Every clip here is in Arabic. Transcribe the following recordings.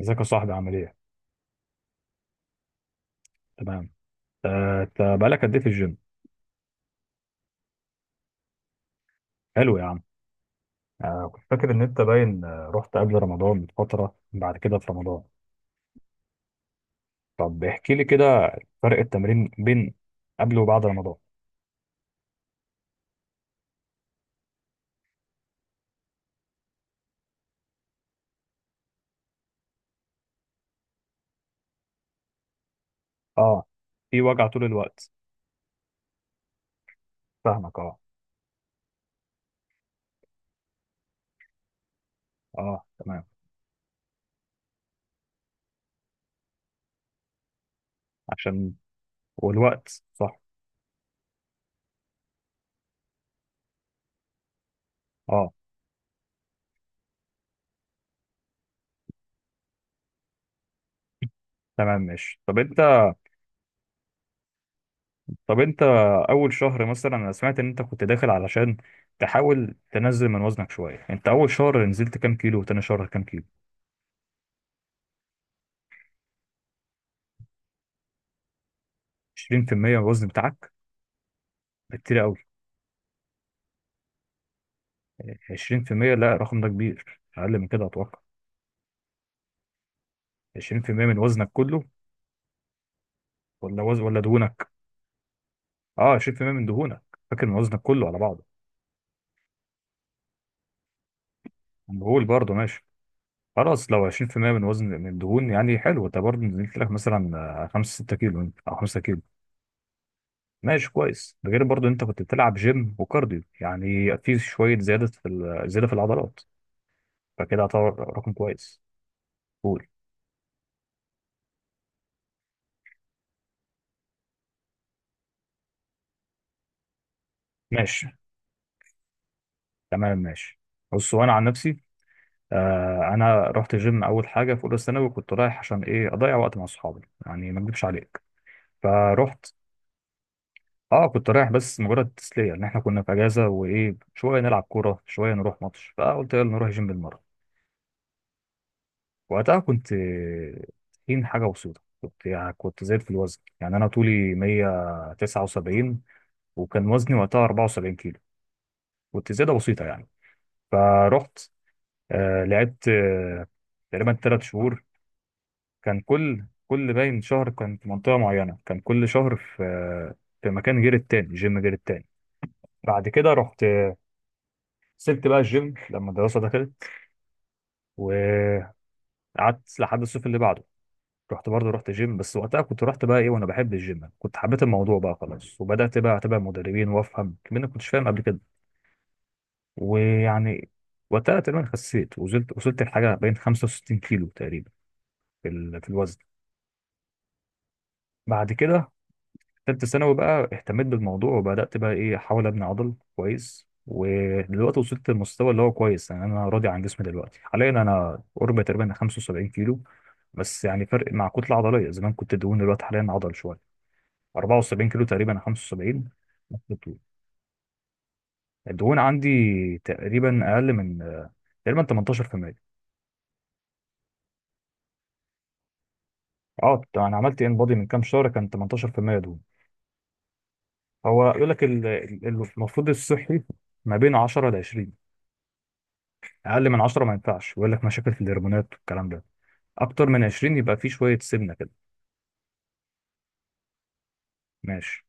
ازيك يا صاحبي عامل ايه؟ تمام. انت بقالك قد ايه في الجيم؟ حلو يا عم. كنت فاكر ان انت باين آه، رحت قبل رمضان بفترة بعد كده في رمضان. طب احكي لي كده فرق التمرين بين قبل وبعد رمضان. اه، في وجع طول الوقت. فاهمك اه. اه تمام. عشان والوقت صح. اه تمام ماشي. طب انت اول شهر مثلا، انا سمعت ان انت كنت داخل علشان تحاول تنزل من وزنك شوية، انت اول شهر نزلت كام كيلو وتاني شهر كام كيلو؟ 20% من الوزن بتاعك؟ ده كتير قوي. 20%؟ لا، الرقم ده كبير، اقل من كده اتوقع. 20% من وزنك كله؟ ولا وزن ولا دهونك؟ اه، 20% من دهونك، فاكر من وزنك كله على بعضه. مهول برضه، ماشي. خلاص، لو 20% من وزن من الدهون يعني حلو، انت برضه نزلت لك مثلا 5 6 كيلو او 5 كيلو. ماشي كويس، ده غير برضه انت كنت بتلعب جيم وكارديو، يعني في شويه زياده في زياده في العضلات، فكده اعتبر رقم كويس. قول. ماشي. تمام ماشي. بص، وانا عن نفسي انا رحت جيم اول حاجه في اولى ثانوي، كنت رايح عشان ايه، اضيع وقت مع اصحابي، يعني ما اكدبش عليك، فرحت. اه كنت رايح بس مجرد تسليه، لان احنا كنا في اجازه وايه، شويه نلعب كوره شويه نروح ماتش، فقلت يلا نروح جيم بالمره. وقتها كنت تخين حاجه بسيطه، كنت يعني زاد في الوزن يعني، انا طولي 179 وكان وزني وقتها 74 كيلو، كنت زياده بسيطه يعني. فرحت آه، لعبت آه تقريبا ثلاث شهور، كان كل كل باين شهر كان في منطقة معينة، كان كل شهر في في مكان غير التاني، جيم غير التاني. بعد كده رحت، سبت بقى الجيم لما الدراسة دخلت، وقعدت لحد الصيف اللي بعده. رحت برضه، رحت جيم بس وقتها كنت رحت بقى ايه، وانا بحب الجيم كنت حبيت الموضوع بقى خلاص، وبدأت بقى اتابع مدربين وافهم كمان، ما كنتش فاهم قبل كده، ويعني وقتها تقريبا خسيت وزلت، وصلت لحاجة بين 65 كيلو تقريبا في في الوزن. بعد كده تالتة ثانوي بقى اهتميت بالموضوع، وبدأت بقى إيه أحاول أبني عضل كويس، ودلوقتي وصلت للمستوى اللي هو كويس، يعني أنا راضي عن جسمي دلوقتي، حاليا أنا قرب تقريبا 75 كيلو بس يعني فرق، مع كتلة عضلية، زمان كنت دهون، دلوقتي حاليا عضل شوية، 74 كيلو تقريبا 75، نفس الطول. الدهون عندي تقريبا أقل من، تقريبا 18%. اه، انا عملت ان بودي من كام شهر، كان 18% دهون. هو يقول لك المفروض الصحي ما بين 10 ل 20، اقل من 10 ما ينفعش، يقول لك مشاكل في الهرمونات والكلام ده، اكتر من 20 يبقى في شويه سمنه كده. ماشي.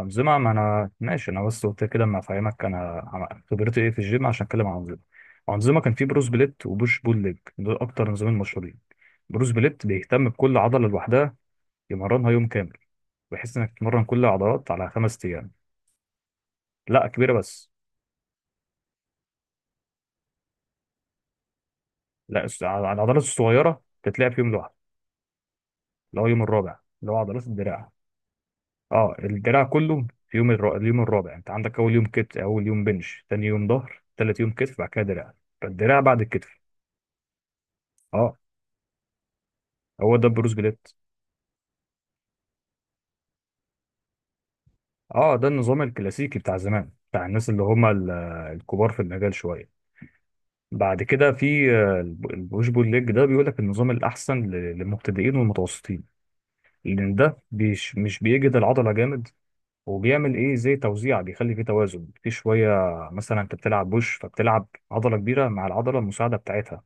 انظمه، ما انا ماشي، انا بس قلت كده اما افهمك انا خبرتي ايه في الجيم عشان اتكلم عن انظمه. انظمه كان في بروس بليت وبوش بول ليج، دول اكتر نظامين مشهورين. بروس بليت بيهتم بكل عضله لوحدها، يمرنها يوم كامل، بحيث انك تمرن كل العضلات على خمس ايام. لا، كبيره بس. لا، على العضلات الصغيره تتلعب في يوم لوحده، اللي هو يوم الرابع، اللي هو عضلات الدراع. اه الدراع كله في اليوم الرابع، انت عندك اول يوم كتف، اول يوم بنش، تاني يوم ظهر، تالت يوم كتف، بعد كده دراع، فالدراع بعد الكتف. اه هو ده بروس جليت. اه ده النظام الكلاسيكي بتاع زمان، بتاع الناس اللي هم الكبار في المجال شويه. بعد كده في البوش بول ليج، ده بيقول لك النظام الاحسن للمبتدئين والمتوسطين، لان ده مش بيجهد العضله جامد، وبيعمل ايه زي توزيع، بيخلي فيه توازن في شويه. مثلا انت بتلعب بوش، فبتلعب عضله كبيره مع العضله المساعده بتاعتها،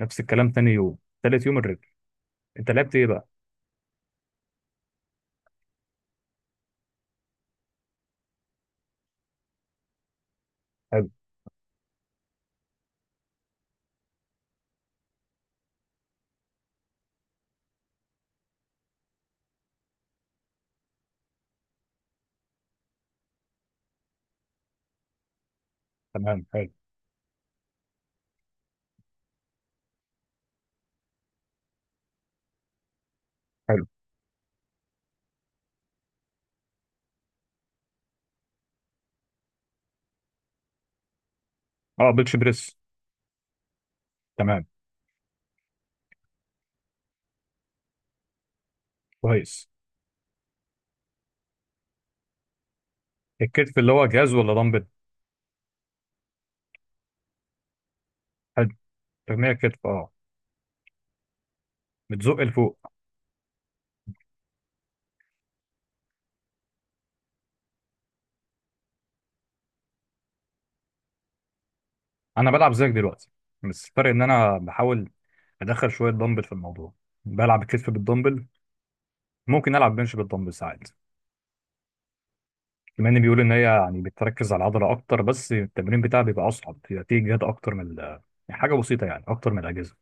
نفس الكلام تاني يوم، تالت يوم الرجل. انت لعبت ايه بقى؟ حلو. تمام حلو. حلو. اه بنش بريس. تمام كويس. الكتف اللي هو جهاز ولا دمبل؟ حلو، تجميع كتف اه. بتزق لفوق. انا بلعب زيك دلوقتي، بس الفرق ان انا بحاول ادخل شويه دمبل في الموضوع، بلعب الكتف بالدمبل، ممكن العب بنش بالدمبل ساعات، بما ان بيقول ان هي يعني بتركز على العضله اكتر، بس التمرين بتاعها بيبقى اصعب، بيبقى فيه جهد اكتر من يعني حاجه بسيطه، يعني اكتر من الاجهزه.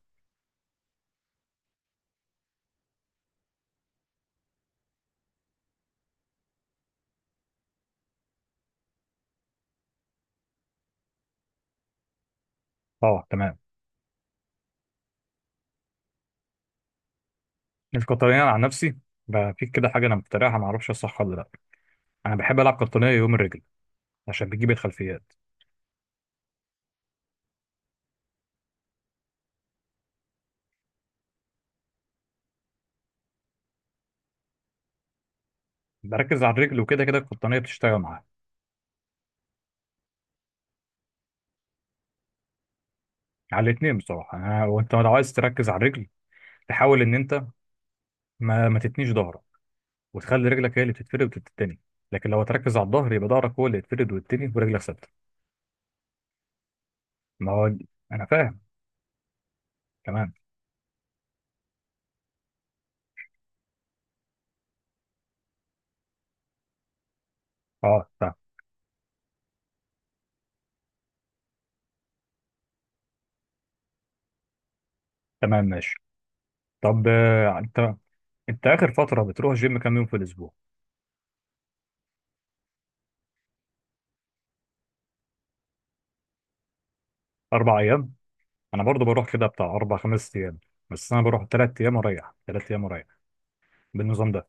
اه تمام. مش قطنية أنا عن نفسي، بقى في كده حاجة أنا مخترعها، معرفش هي صح ولا لأ، أنا بحب ألعب قطنية يوم الرجل، عشان بتجيب الخلفيات. بركز على الرجل، وكده كده القطنية بتشتغل معاها. على الاتنين بصراحة، أنا وأنت لو عايز تركز على الرجل، تحاول إن أنت ما تتنيش ظهرك، وتخلي رجلك هي اللي بتتفرد وتتني، لكن لو هتركز على الظهر، يبقى ظهرك هو اللي يتفرد ويتني، ورجلك ثابتة. ما هو. أنا فاهم. تمام. أه فاهم. تمام ماشي. طب أنت، أنت آخر فترة بتروح جيم كام يوم في الأسبوع؟ أربع أيام؟ انا برضو بروح كده بتاع اربع خمس ايام، بس انا بروح تلات ايام واريح، تلات ايام واريح، بالنظام ده.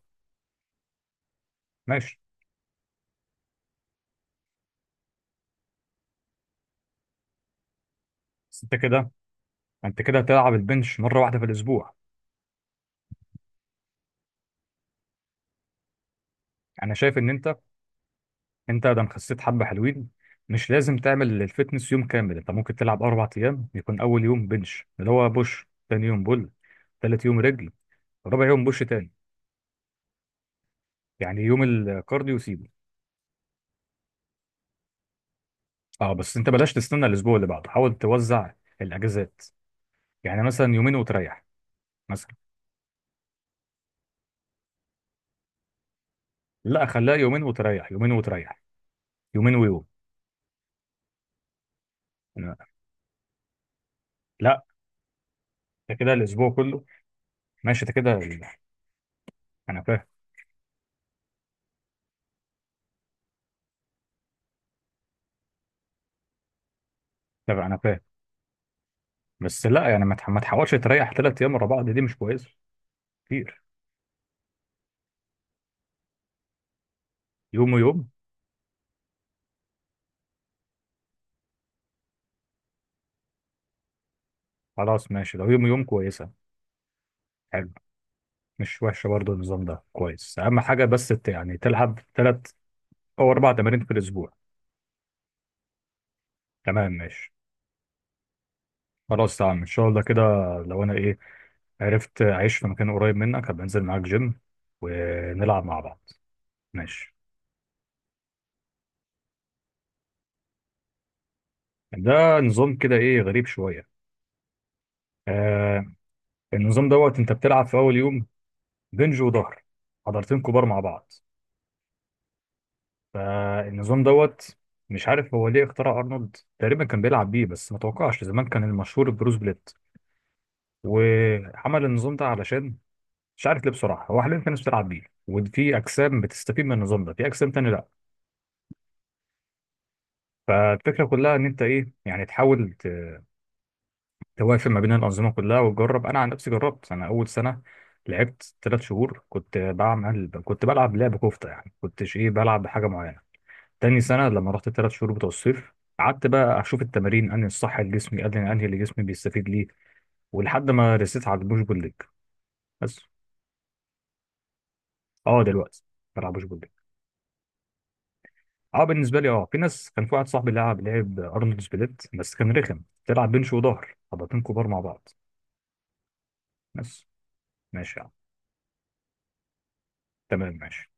ماشي. بس انت كده، انت كده هتلعب البنش مره واحده في الاسبوع. انا شايف ان انت، انت ده خسيت حبه حلوين، مش لازم تعمل الفتنس يوم كامل، انت ممكن تلعب اربع ايام، يكون اول يوم بنش اللي هو بوش، تاني يوم بول، تالت يوم رجل، رابع يوم بوش تاني، يعني يوم الكارديو سيبه. اه بس انت بلاش تستنى الاسبوع اللي بعده، حاول توزع الاجازات، يعني مثلا يومين وتريح مثلا. لا خليها يومين وتريح، يومين وتريح، يومين ويوم. أنا- لا، ده كده الاسبوع كله. ماشي، ده كده انا فاهم. طب انا فاهم بس لا، يعني ما تحاولش تريح ثلاث ايام ورا بعض، دي مش كويسه كتير. يوم ويوم. خلاص ماشي، لو يوم ويوم كويسه. حلو. مش وحشه برضو، النظام ده كويس، اهم حاجه بس يعني تلعب ثلاث او اربع تمارين في الاسبوع. تمام ماشي. خلاص تمام ان شاء الله كده. لو انا ايه عرفت اعيش في مكان قريب منك هبقى انزل معاك جيم ونلعب مع بعض. ماشي. ده نظام كده ايه غريب شويه. آه، النظام دوت، انت بتلعب في اول يوم بنج وظهر، عضلتين كبار مع بعض. فالنظام دوت مش عارف هو ليه اخترع، ارنولد تقريبا كان بيلعب بيه، بس ما توقعش، زمان كان المشهور البروس بليت، وعمل النظام ده علشان مش عارف ليه بصراحه. هو حاليا في ناس بتلعب بيه، وفي اجسام بتستفيد من النظام ده، في اجسام تاني لا. فالفكره كلها ان انت ايه، يعني توافق ما بين الانظمه كلها وتجرب. انا عن نفسي جربت، انا اول سنه لعبت ثلاث شهور، كنت بعمل، كنت بلعب لعب كفته، يعني كنتش ايه بلعب بحاجه معينه. تاني سنة لما رحت الثلاث شهور بتوع الصيف، قعدت بقى أشوف التمارين أنهي الصح لجسمي، أنهي اللي جسمي بيستفيد ليه، ولحد ما رسيت على البوش بول ليج بس. أه دلوقتي بلعب بوش بول ليج. أه بالنسبة لي أه، في ناس، كان في واحد صاحبي لعب أرنولد سبليت، بس كان رخم، تلعب بنش وظهر عضلتين كبار مع بعض. بس ماشي يا عم. تمام ماشي.